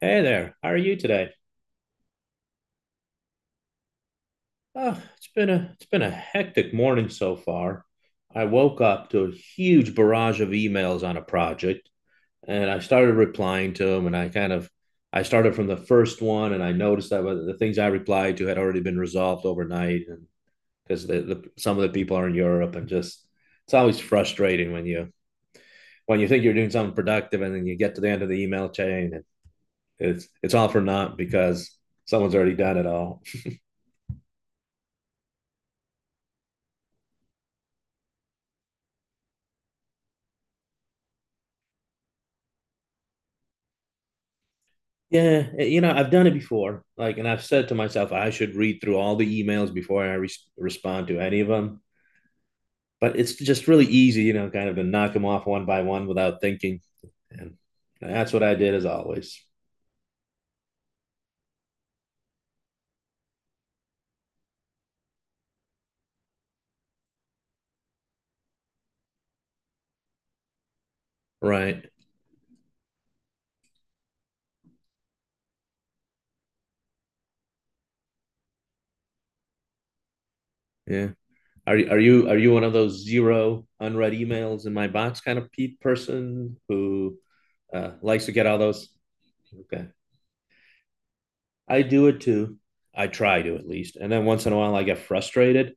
Hey there, how are you today? Oh, it's been a hectic morning so far. I woke up to a huge barrage of emails on a project and I started replying to them and I kind of I started from the first one and I noticed that the things I replied to had already been resolved overnight and because the some of the people are in Europe and just it's always frustrating when you think you're doing something productive and then you get to the end of the email chain and it's all for naught because someone's already done it all. Yeah, I've done it before. Like, and I've said to myself, I should read through all the emails before I re respond to any of them. But it's just really easy, kind of to knock them off one by one without thinking. And that's what I did as always. Right. Yeah. Are you one of those zero unread emails in my box kind of pe person who likes to get all those? Okay. I do it too. I try to at least. And then once in a while, I get frustrated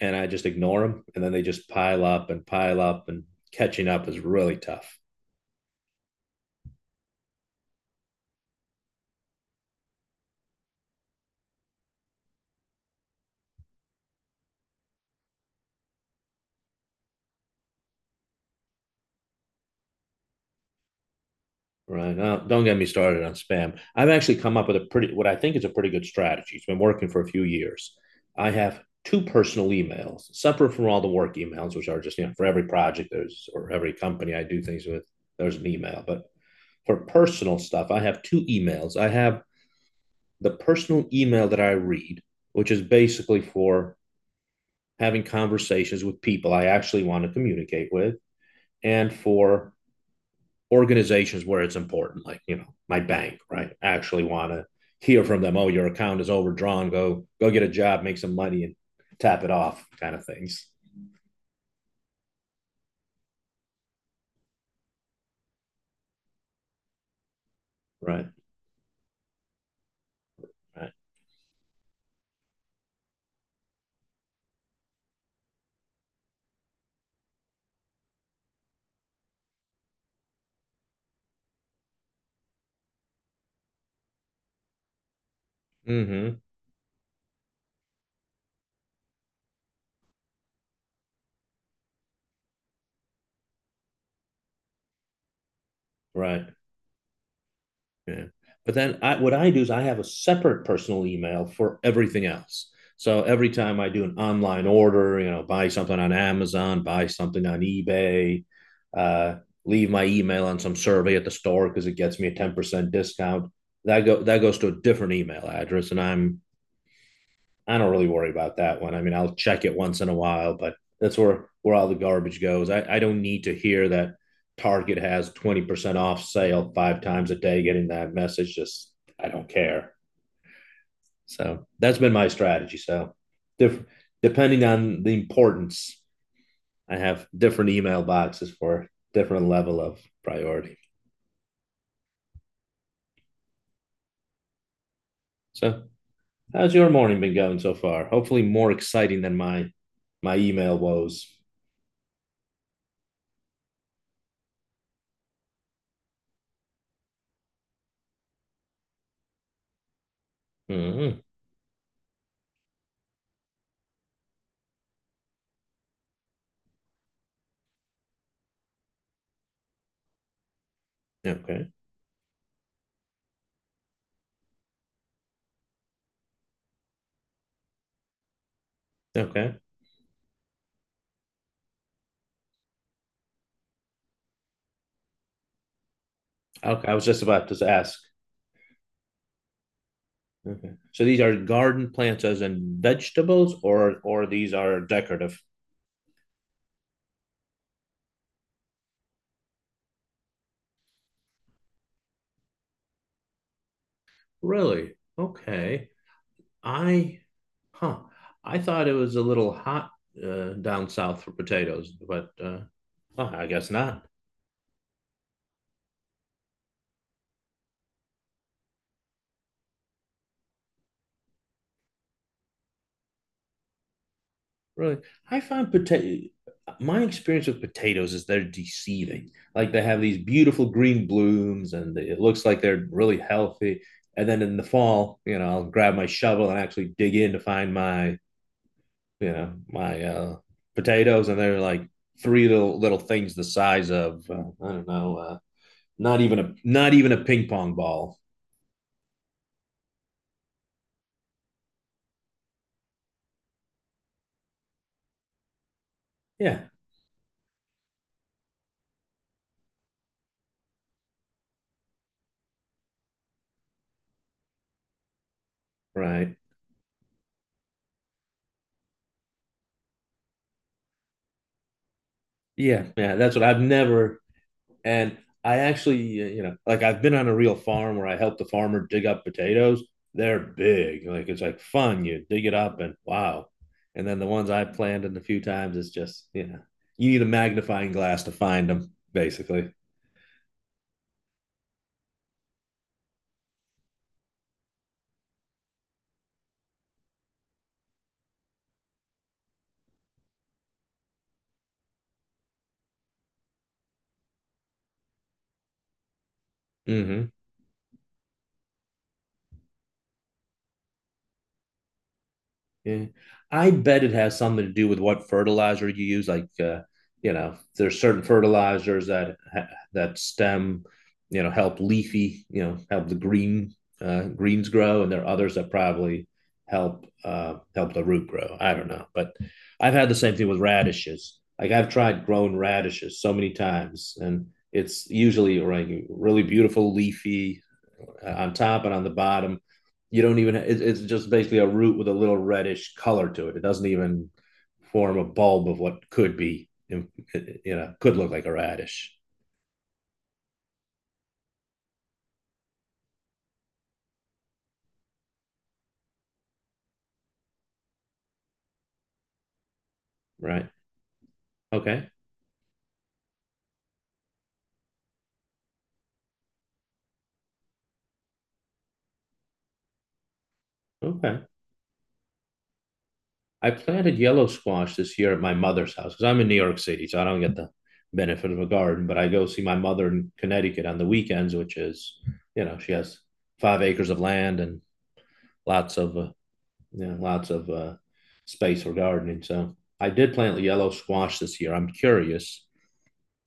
and I just ignore them. And then they just pile up, and catching up is really tough. Right. Now, don't get me started on spam. I've actually come up with what I think is a pretty good strategy. It's been working for a few years. I have two personal emails, separate from all the work emails, which are just, for every project or every company I do things with, there's an email. But for personal stuff, I have two emails. I have the personal email that I read, which is basically for having conversations with people I actually want to communicate with, and for organizations where it's important, like you know my bank, right? I actually want to hear from them. Oh, your account is overdrawn. Go get a job, make some money, and tap it off, kind of things. Right. Right. Mm-hmm. Right. Yeah. But then what I do is I have a separate personal email for everything else. So every time I do an online order, buy something on Amazon, buy something on eBay, uh, leave my email on some survey at the store because it gets me a 10% discount. That goes to a different email address and I don't really worry about that one. I mean, I'll check it once in a while, but that's where all the garbage goes. I don't need to hear that Target has 20% off sale five times a day getting that message. Just I don't care. So that's been my strategy. So dif- depending on the importance, I have different email boxes for different level of priority. So how's your morning been going so far? Hopefully more exciting than my email woes. Mm-hmm. Okay. Okay. Okay, I was just about to ask. Okay. So these are garden plants as in vegetables or these are decorative? Really? Okay. I Huh. I thought it was a little hot down south for potatoes, but well, I guess not. Really. I find potato my experience with potatoes is they're deceiving. Like they have these beautiful green blooms and it looks like they're really healthy. And then in the fall, I'll grab my shovel and actually dig in to find my you know my uh, potatoes, and they're like three little things the size of I don't know, not even a ping pong ball. Yeah, right. Yeah, yeah. That's what I've never and. I actually, like I've been on a real farm where I helped the farmer dig up potatoes. They're big. Like it's like fun. You dig it up and wow. And then the ones I planted a few times, it's just, you need a magnifying glass to find them, basically. Ujú. Yeah. I bet it has something to do with what fertilizer you use. Like, there's certain fertilizers that stem, help leafy, help the green greens grow, and there are others that probably help the root grow. I don't know, but I've had the same thing with radishes. Like I've tried growing radishes so many times, and it's usually like really beautiful, leafy, on top and on the bottom. You don't even, it, it's just basically a root with a little reddish color to it. It doesn't even form a bulb of what could be, could look like a radish, right? Okay. Okay. I planted yellow squash this year at my mother's house because I'm in New York City, so I don't get the benefit of a garden, but I go see my mother in Connecticut on the weekends, which is, she has 5 acres of land and lots of uh, yeah, lots of space for gardening. So I did plant yellow squash this year. I'm curious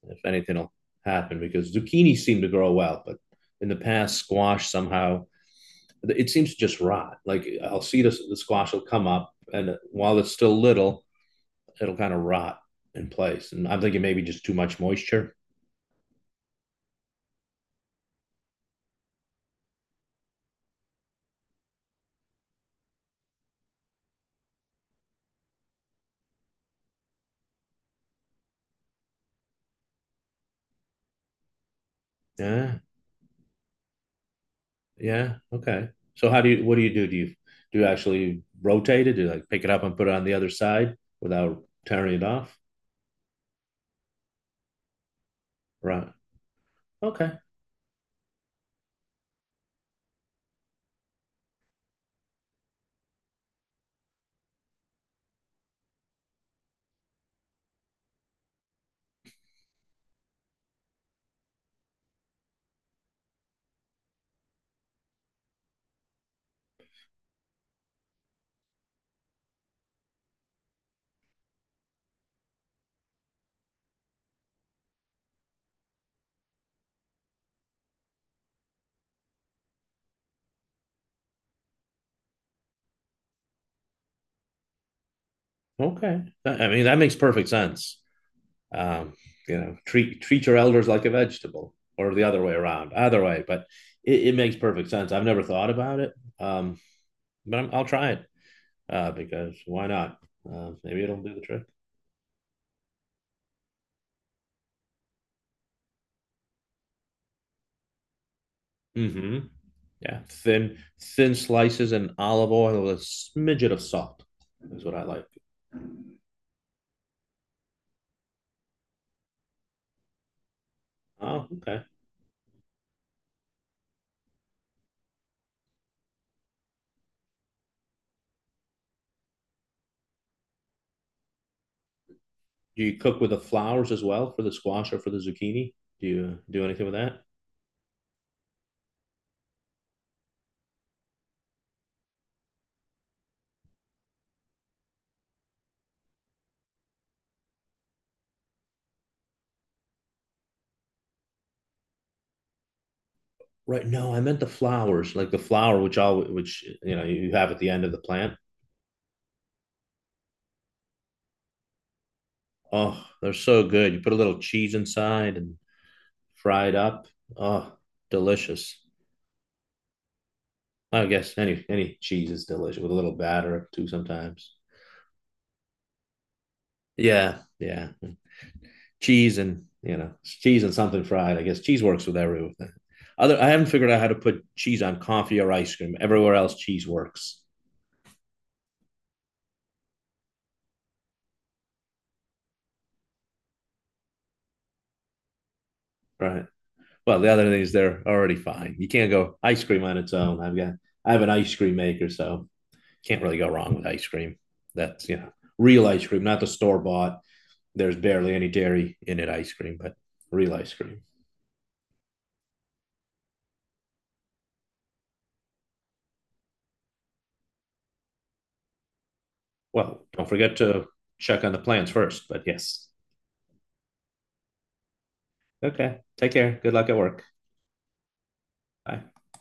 if anything will happen because zucchini seem to grow well, but in the past, squash somehow it seems to just rot. Like I'll see the squash will come up, and while it's still little, it'll kind of rot in place. And I'm thinking maybe just too much moisture. Yeah. Yeah. Okay. So how do you? What do you do? Do you actually rotate it? Do you like pick it up and put it on the other side without tearing it off? Right. Okay. Okay. I mean, that makes perfect sense. Um, treat your elders like a vegetable, or the other way around. Either way, but it makes perfect sense. I've never thought about it, um, but I'll try it because why not? Maybe it'll do the trick. Hmm. Yeah, thin slices and olive oil with a smidget of salt is what I like. Oh, okay. Do you cook with the flowers as well for the squash or for the zucchini? Do you do anything with that? Right. No, I meant the flowers, like the flower which you know you have at the end of the plant. Oh, they're so good. You put a little cheese inside and fry it up. Oh, delicious. I guess any cheese is delicious with a little batter too sometimes. Yeah, yeah. Cheese and something fried. I guess cheese works with everything. Other, I haven't figured out how to put cheese on coffee or ice cream. Everywhere else, cheese works, right? Well, the other thing is they're already fine. You can't go ice cream on its own. I have an ice cream maker, so can't really go wrong with ice cream. That's real ice cream, not the store bought. There's barely any dairy in it ice cream, but real ice cream. Well, don't forget to check on the plans first. But yes, okay. Take care. Good luck at work. Bye.